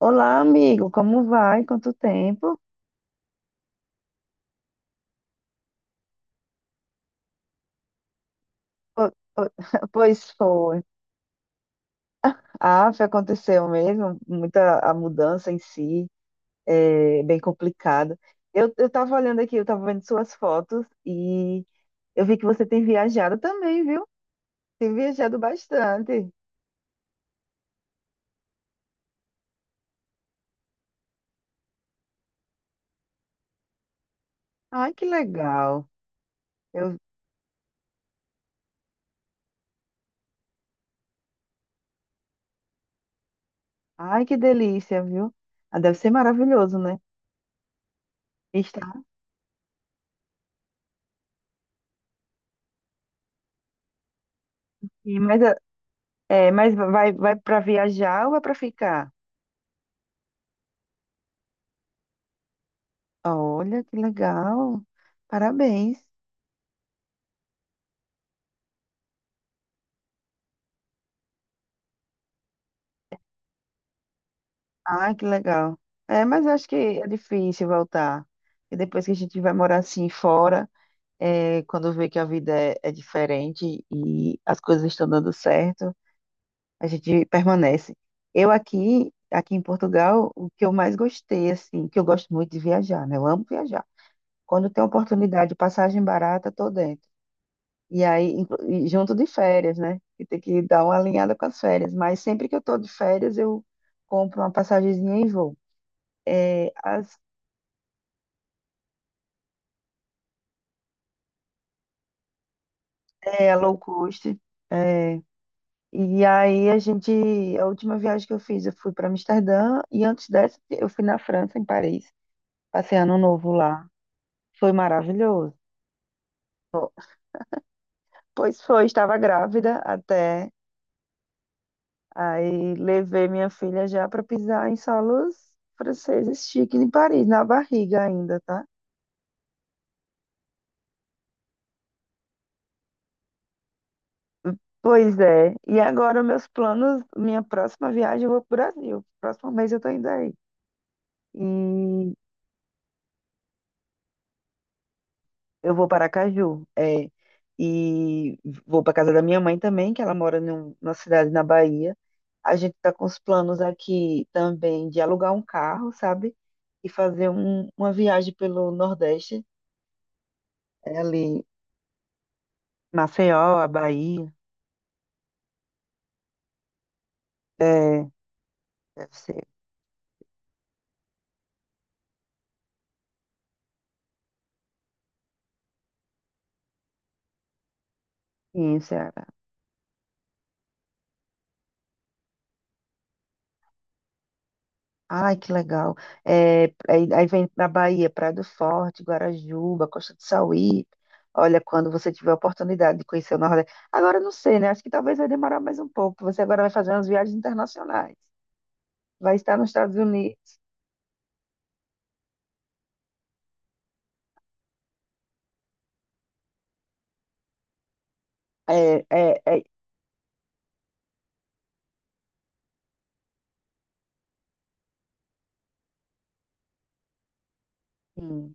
Olá, amigo, como vai? Quanto tempo? Po- po- Pois foi. Ah, foi, aconteceu mesmo, muita a mudança em si, é bem complicado. Eu tava olhando aqui, eu tava vendo suas fotos e eu vi que você tem viajado também, viu? Tem viajado bastante. Ai, que legal. Eu, ai, que delícia, viu? Ah, deve ser maravilhoso, né? Estar aqui, mas, mas vai para viajar ou vai para ficar? Olha, que legal. Parabéns. Ah, que legal. É, mas eu acho que é difícil voltar. E depois que a gente vai morar assim fora, quando vê que a vida é diferente e as coisas estão dando certo, a gente permanece. Eu aqui em Portugal, o que eu mais gostei, assim, que eu gosto muito de viajar, né? Eu amo viajar. Quando tem oportunidade, passagem barata, tô dentro. E aí, e junto de férias, né? Que tem que dar uma alinhada com as férias. Mas sempre que eu tô de férias, eu compro uma passagenzinha e vou. As, é, low cost. É. E aí, a gente. A última viagem que eu fiz, eu fui para Amsterdã. E antes dessa, eu fui na França, em Paris. Passei ano novo lá. Foi maravilhoso. Pois foi, estava grávida até. Aí, levei minha filha já para pisar em solos franceses chiques em Paris, na barriga ainda, tá? Pois é. E agora meus planos, minha próxima viagem eu vou para o Brasil. Próximo mês eu tô indo aí. E eu vou para Aracaju, é. E vou para casa da minha mãe também, que ela mora numa cidade na Bahia. A gente está com os planos aqui também de alugar um carro, sabe? E fazer uma viagem pelo Nordeste, é ali Maceió, a Bahia, é, deve ser. Sim, Ceará. Ai, que legal. É, aí vem para Bahia, Praia do Forte, Guarajuba, Costa do Sauí. Olha, quando você tiver a oportunidade de conhecer o Nordeste. Agora, eu não sei, né? Acho que talvez vai demorar mais um pouco. Você agora vai fazer umas viagens internacionais. Vai estar nos Estados Unidos. É, é, é, sim.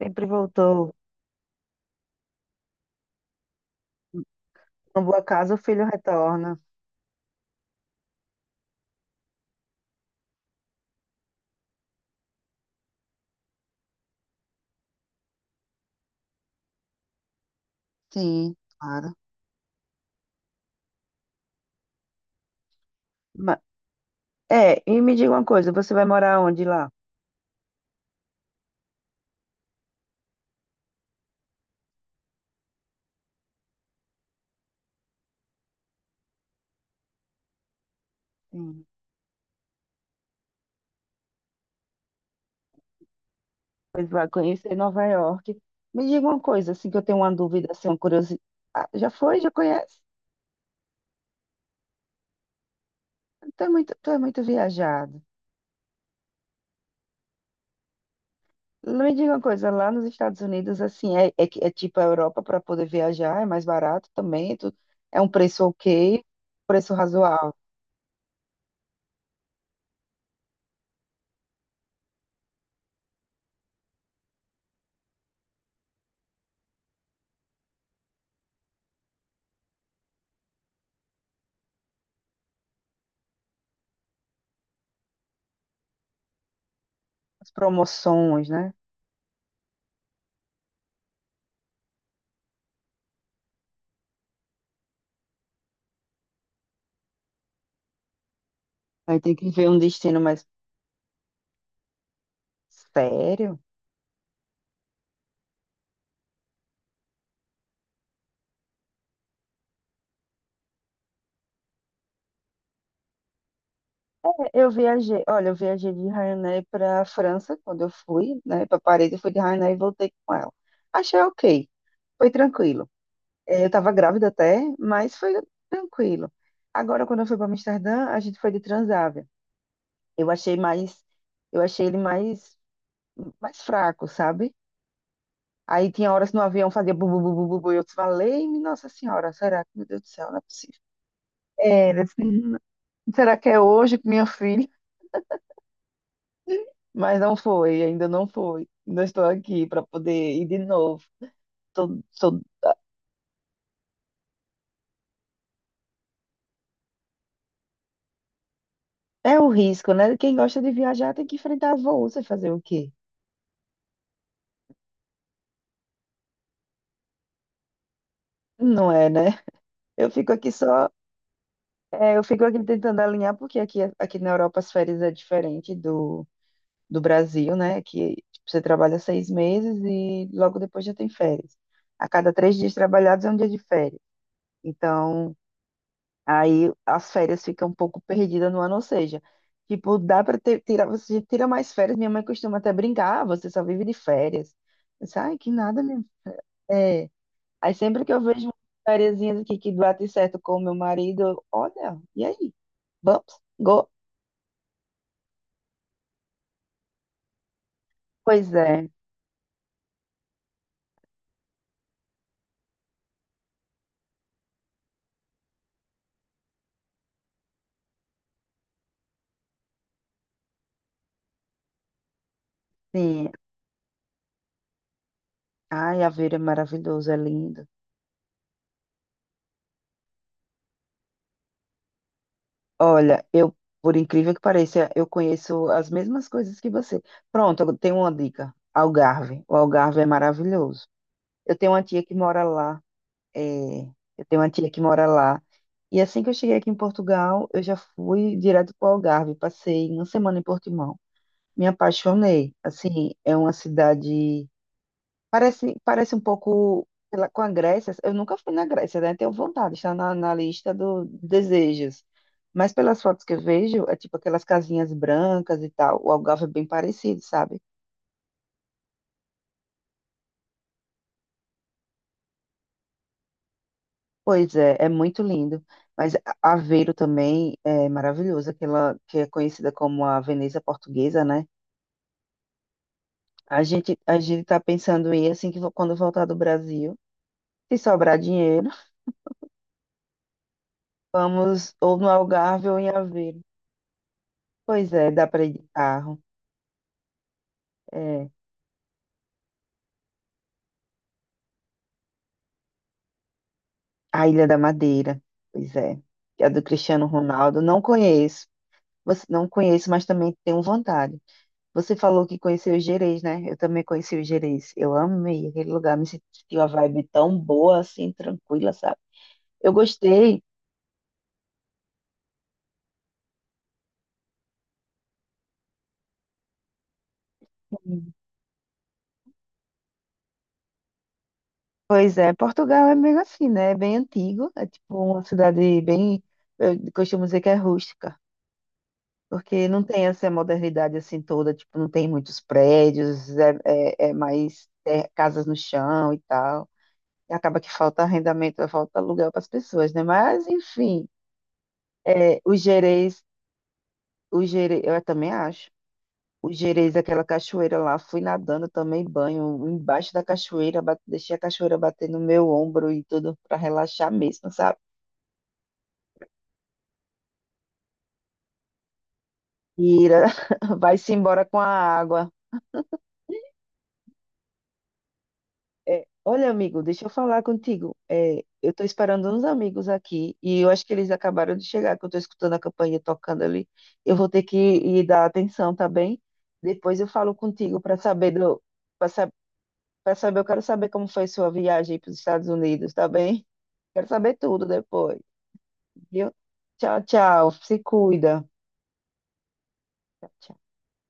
Sempre voltou. Uma boa casa, o filho retorna. Sim, claro. Ma- É, e me diga uma coisa, você vai morar onde lá? Pois vai conhecer Nova York. Me diga uma coisa, assim, que eu tenho uma dúvida, assim, uma curiosidade. Já foi? Já conhece? Tu é muito viajado. Me diga uma coisa, lá nos Estados Unidos, assim, é, é tipo a Europa para poder viajar, é mais barato também, é um preço ok, preço razoável, as promoções, né? Aí tem que ver um destino mais sério. É, olha, eu viajei de Ryanair para a França quando eu fui, né, para Paris, eu fui de Ryanair e voltei com ela. Achei ok, foi tranquilo. É, eu estava grávida até, mas foi tranquilo. Agora, quando eu fui para Amsterdã, a gente foi de Transavia. Eu achei mais, eu achei ele mais fraco, sabe? Aí tinha horas no avião, fazia bu, bu, bu, bu, bu, bu, e eu falei, Nossa Senhora, será que, meu Deus do céu, não é possível. É, eu disse, "Não, será que é hoje com minha filha? Mas não foi, ainda não foi. Ainda estou aqui para poder ir de novo. Tô- tô- É o risco, né? Quem gosta de viajar tem que enfrentar voos e fazer o quê? Não é, né? Eu fico aqui só É, eu fico aqui tentando alinhar, porque aqui na Europa as férias é diferente do Brasil, né? Que tipo, você trabalha 6 meses e logo depois já tem férias. A cada 3 dias trabalhados é um dia de férias. Então, aí as férias ficam um pouco perdidas no ano, ou seja, tipo, dá para tirar, você tira mais férias. Minha mãe costuma até brincar, "Ah, você só vive de férias. Eu disse, ai, que nada, minha. É. Aí sempre que eu vejo férias aqui que bate certo com o meu marido, eu, olha, e aí? Vamos? Pois é, sim. Ai, Aveiro é maravilhoso, é lindo. Olha, eu, por incrível que pareça, eu conheço as mesmas coisas que você. Pronto, eu tenho uma dica. Algarve. O Algarve é maravilhoso. Eu tenho uma tia que mora lá. é, eu tenho uma tia que mora lá. E assim que eu cheguei aqui em Portugal, eu já fui direto para o Algarve. Passei uma semana em Portimão. Me apaixonei. Assim, é uma cidade. Parece um pouco sei lá, com a Grécia. Eu nunca fui na Grécia, né? Tenho vontade, está na lista dos desejos. Mas pelas fotos que eu vejo, é tipo aquelas casinhas brancas e tal. O Algarve é bem parecido, sabe? Pois é, é muito lindo. Mas Aveiro também é maravilhoso, aquela que é conhecida como a Veneza Portuguesa, né? A gente tá pensando em assim que quando voltar do Brasil, se sobrar dinheiro, vamos ou no Algarve ou em Aveiro. Pois é, dá para ir de carro. É. A Ilha da Madeira, pois é. É do Cristiano Ronaldo. Não conheço. Você não conheço, mas também tenho vontade. Você falou que conheceu o Gerês, né? Eu também conheci o Gerês. Eu amei aquele lugar, me senti uma vibe tão boa, assim, tranquila, sabe? Eu gostei. Pois é, Portugal é meio assim, né? É bem antigo, é tipo uma cidade bem, eu costumo dizer que é rústica, porque não tem essa modernidade assim toda, tipo, não tem muitos prédios, é mais é, casas no chão e tal. E acaba que falta arrendamento, falta aluguel para as pessoas, né? Mas, enfim, é, os gerês, os gerês, eu também acho. Os gerês, aquela cachoeira lá, fui nadando, tomei banho embaixo da cachoeira, deixei a cachoeira bater no meu ombro e tudo para relaxar mesmo, sabe? Ira, vai-se embora com a água. É, olha, amigo, deixa eu falar contigo. É, eu tô esperando uns amigos aqui e eu acho que eles acabaram de chegar, que eu tô escutando a campainha tocando ali. Eu vou ter que ir dar atenção, tá bem? Depois eu falo contigo para saber para sa eu quero saber como foi sua viagem para os Estados Unidos, tá bem? Quero saber tudo depois, viu? Tchau, tchau. Se cuida. Tchau, tchau.